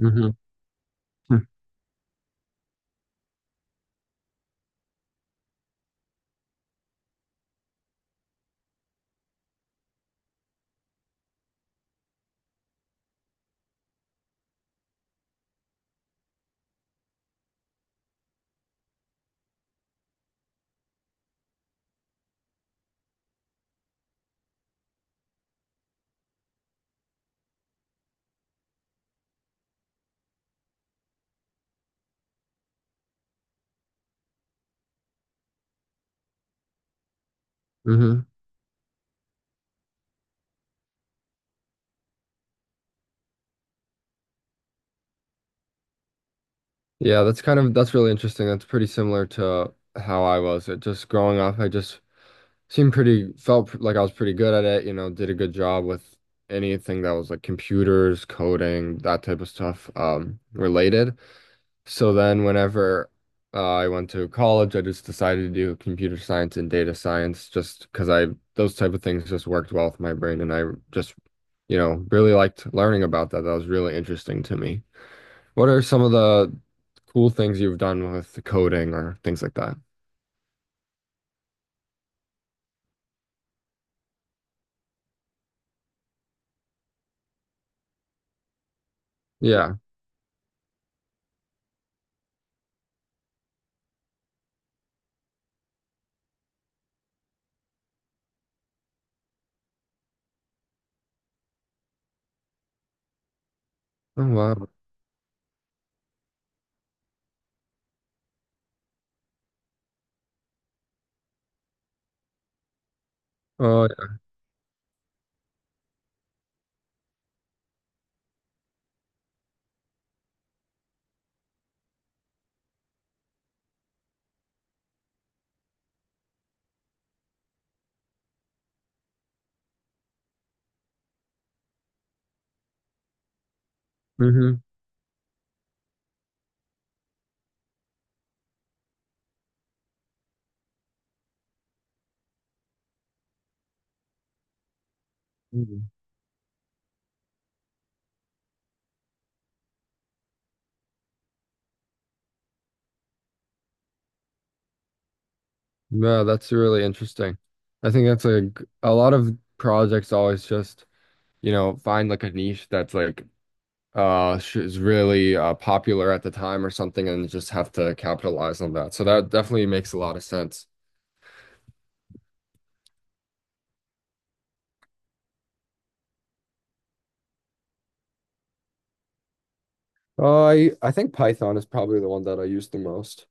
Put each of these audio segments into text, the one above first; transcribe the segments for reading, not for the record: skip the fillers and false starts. hmm hmm Yeah, that's that's really interesting. That's pretty similar to how I was. It just Growing up, I just seemed pretty like I was pretty good at it, you know, did a good job with anything that was like computers, coding, that type of stuff related. So then whenever I went to college, I just decided to do computer science and data science just because I those type of things just worked well with my brain and just, you know, really liked learning about that. That was really interesting to me. What are some of the cool things you've done with coding or things like that? Yeah. Oh, wow. Oh, yeah. Mm-hmm. Mm-hmm. Yeah, that's really interesting. I think that's like a lot of projects always you know, find like a niche that's like is really popular at the time or something and just have to capitalize on that. So that definitely makes a lot of sense. I think Python is probably the one that I use the most,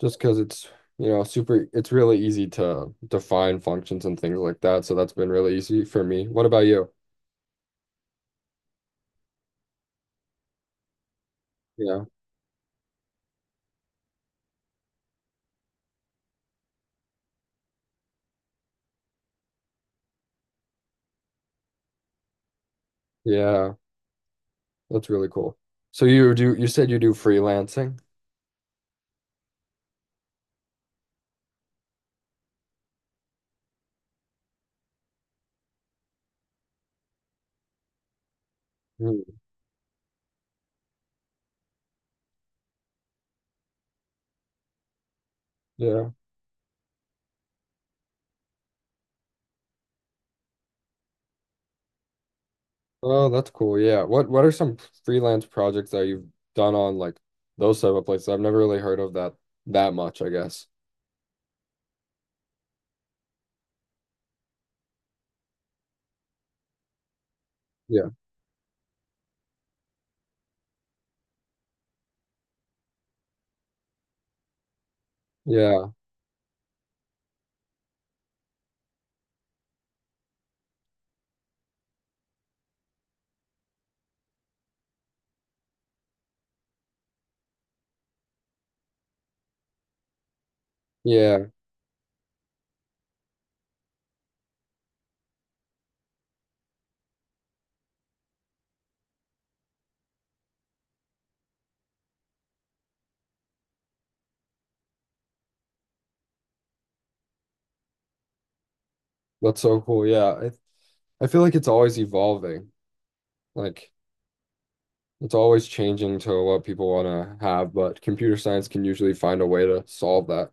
just because it's you know super. It's really easy to define functions and things like that, so that's been really easy for me. What about you? Yeah, yeah, that's really cool. So you said you do freelancing? Mm, yeah. Oh, that's cool. Yeah. What are some freelance projects that you've done on like those type of places? I've never really heard of that much, I guess. Yeah. Yeah. Yeah. That's so cool. Yeah. I feel like it's always evolving. Like it's always changing to what people want to have, but computer science can usually find a way to solve that.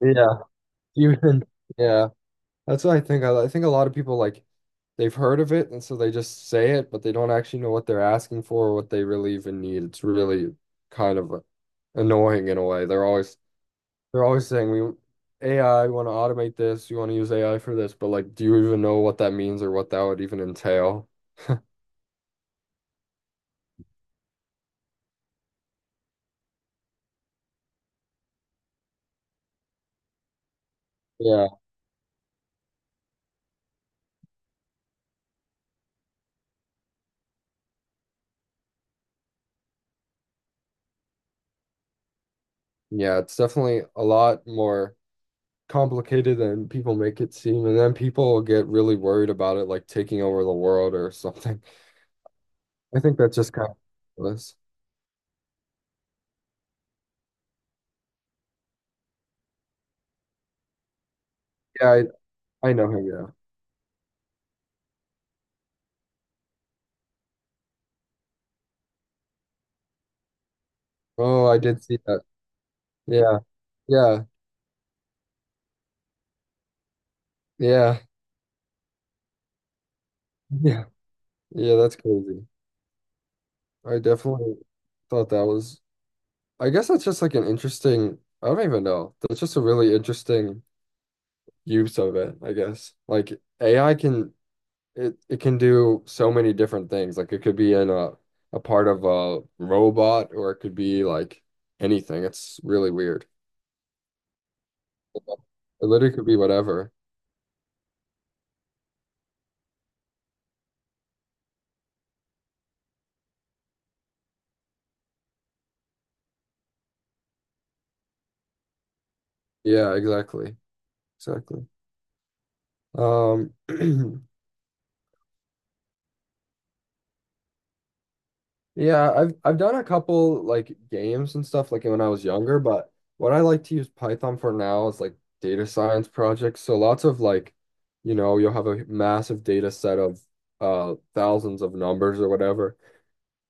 Yeah, even yeah, that's what I think. I think a lot of people like they've heard of it, and so they just say it, but they don't actually know what they're asking for or what they really even need. It's really kind of annoying in a way. They're always saying we AI, we want to automate this, you want to use AI for this, but like, do you even know what that means or what that would even entail? Yeah. Yeah, it's definitely a lot more complicated than people make it seem, and then people get really worried about it, like taking over the world or something. I think that's just kind of ridiculous. Yeah, I know him. Yeah. Oh, I did see that. Yeah, yeah, yeah, yeah, yeah. That's crazy. I definitely thought that was. I guess that's just like an interesting. I don't even know. That's just a really interesting use of it. I guess like AI can it can do so many different things. Like it could be in a part of a robot or it could be like anything. It's really weird. It literally could be whatever. Yeah, exactly. Exactly. Um yeah, I've done a couple like games and stuff like when I was younger, but what I like to use Python for now is like data science projects. So lots of like, you know, you'll have a massive data set of thousands of numbers or whatever.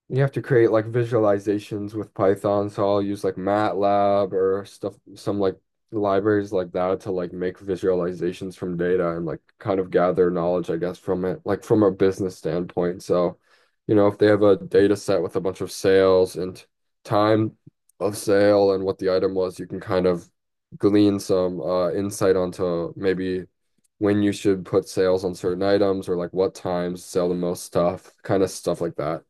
You have to create like visualizations with Python, so I'll use like MATLAB or stuff, some like libraries like that to like make visualizations from data and like kind of gather knowledge, I guess, from it, like from a business standpoint. So, you know, if they have a data set with a bunch of sales and time of sale and what the item was, you can kind of glean some insight onto maybe when you should put sales on certain items or like what times sell the most stuff, kind of stuff like that.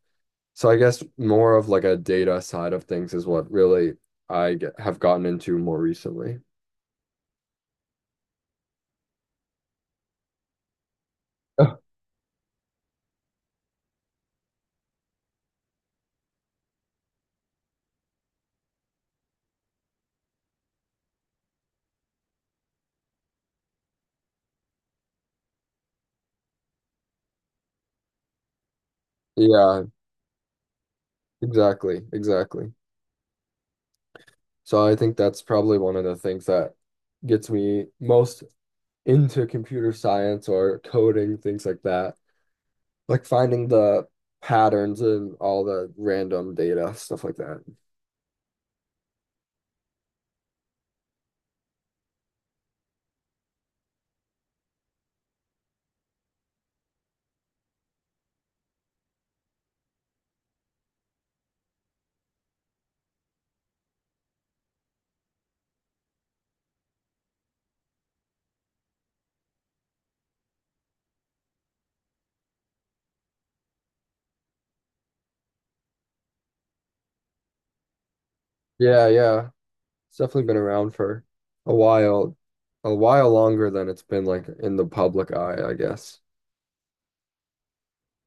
So I guess more of like a data side of things is what really have gotten into more recently. Oh, yeah, exactly, exactly. So I think that's probably one of the things that gets me most into computer science or coding, things like that. Like finding the patterns and all the random data, stuff like that. Yeah, yeah. It's definitely been around for a while, a while longer than it's been like in the public eye, I guess.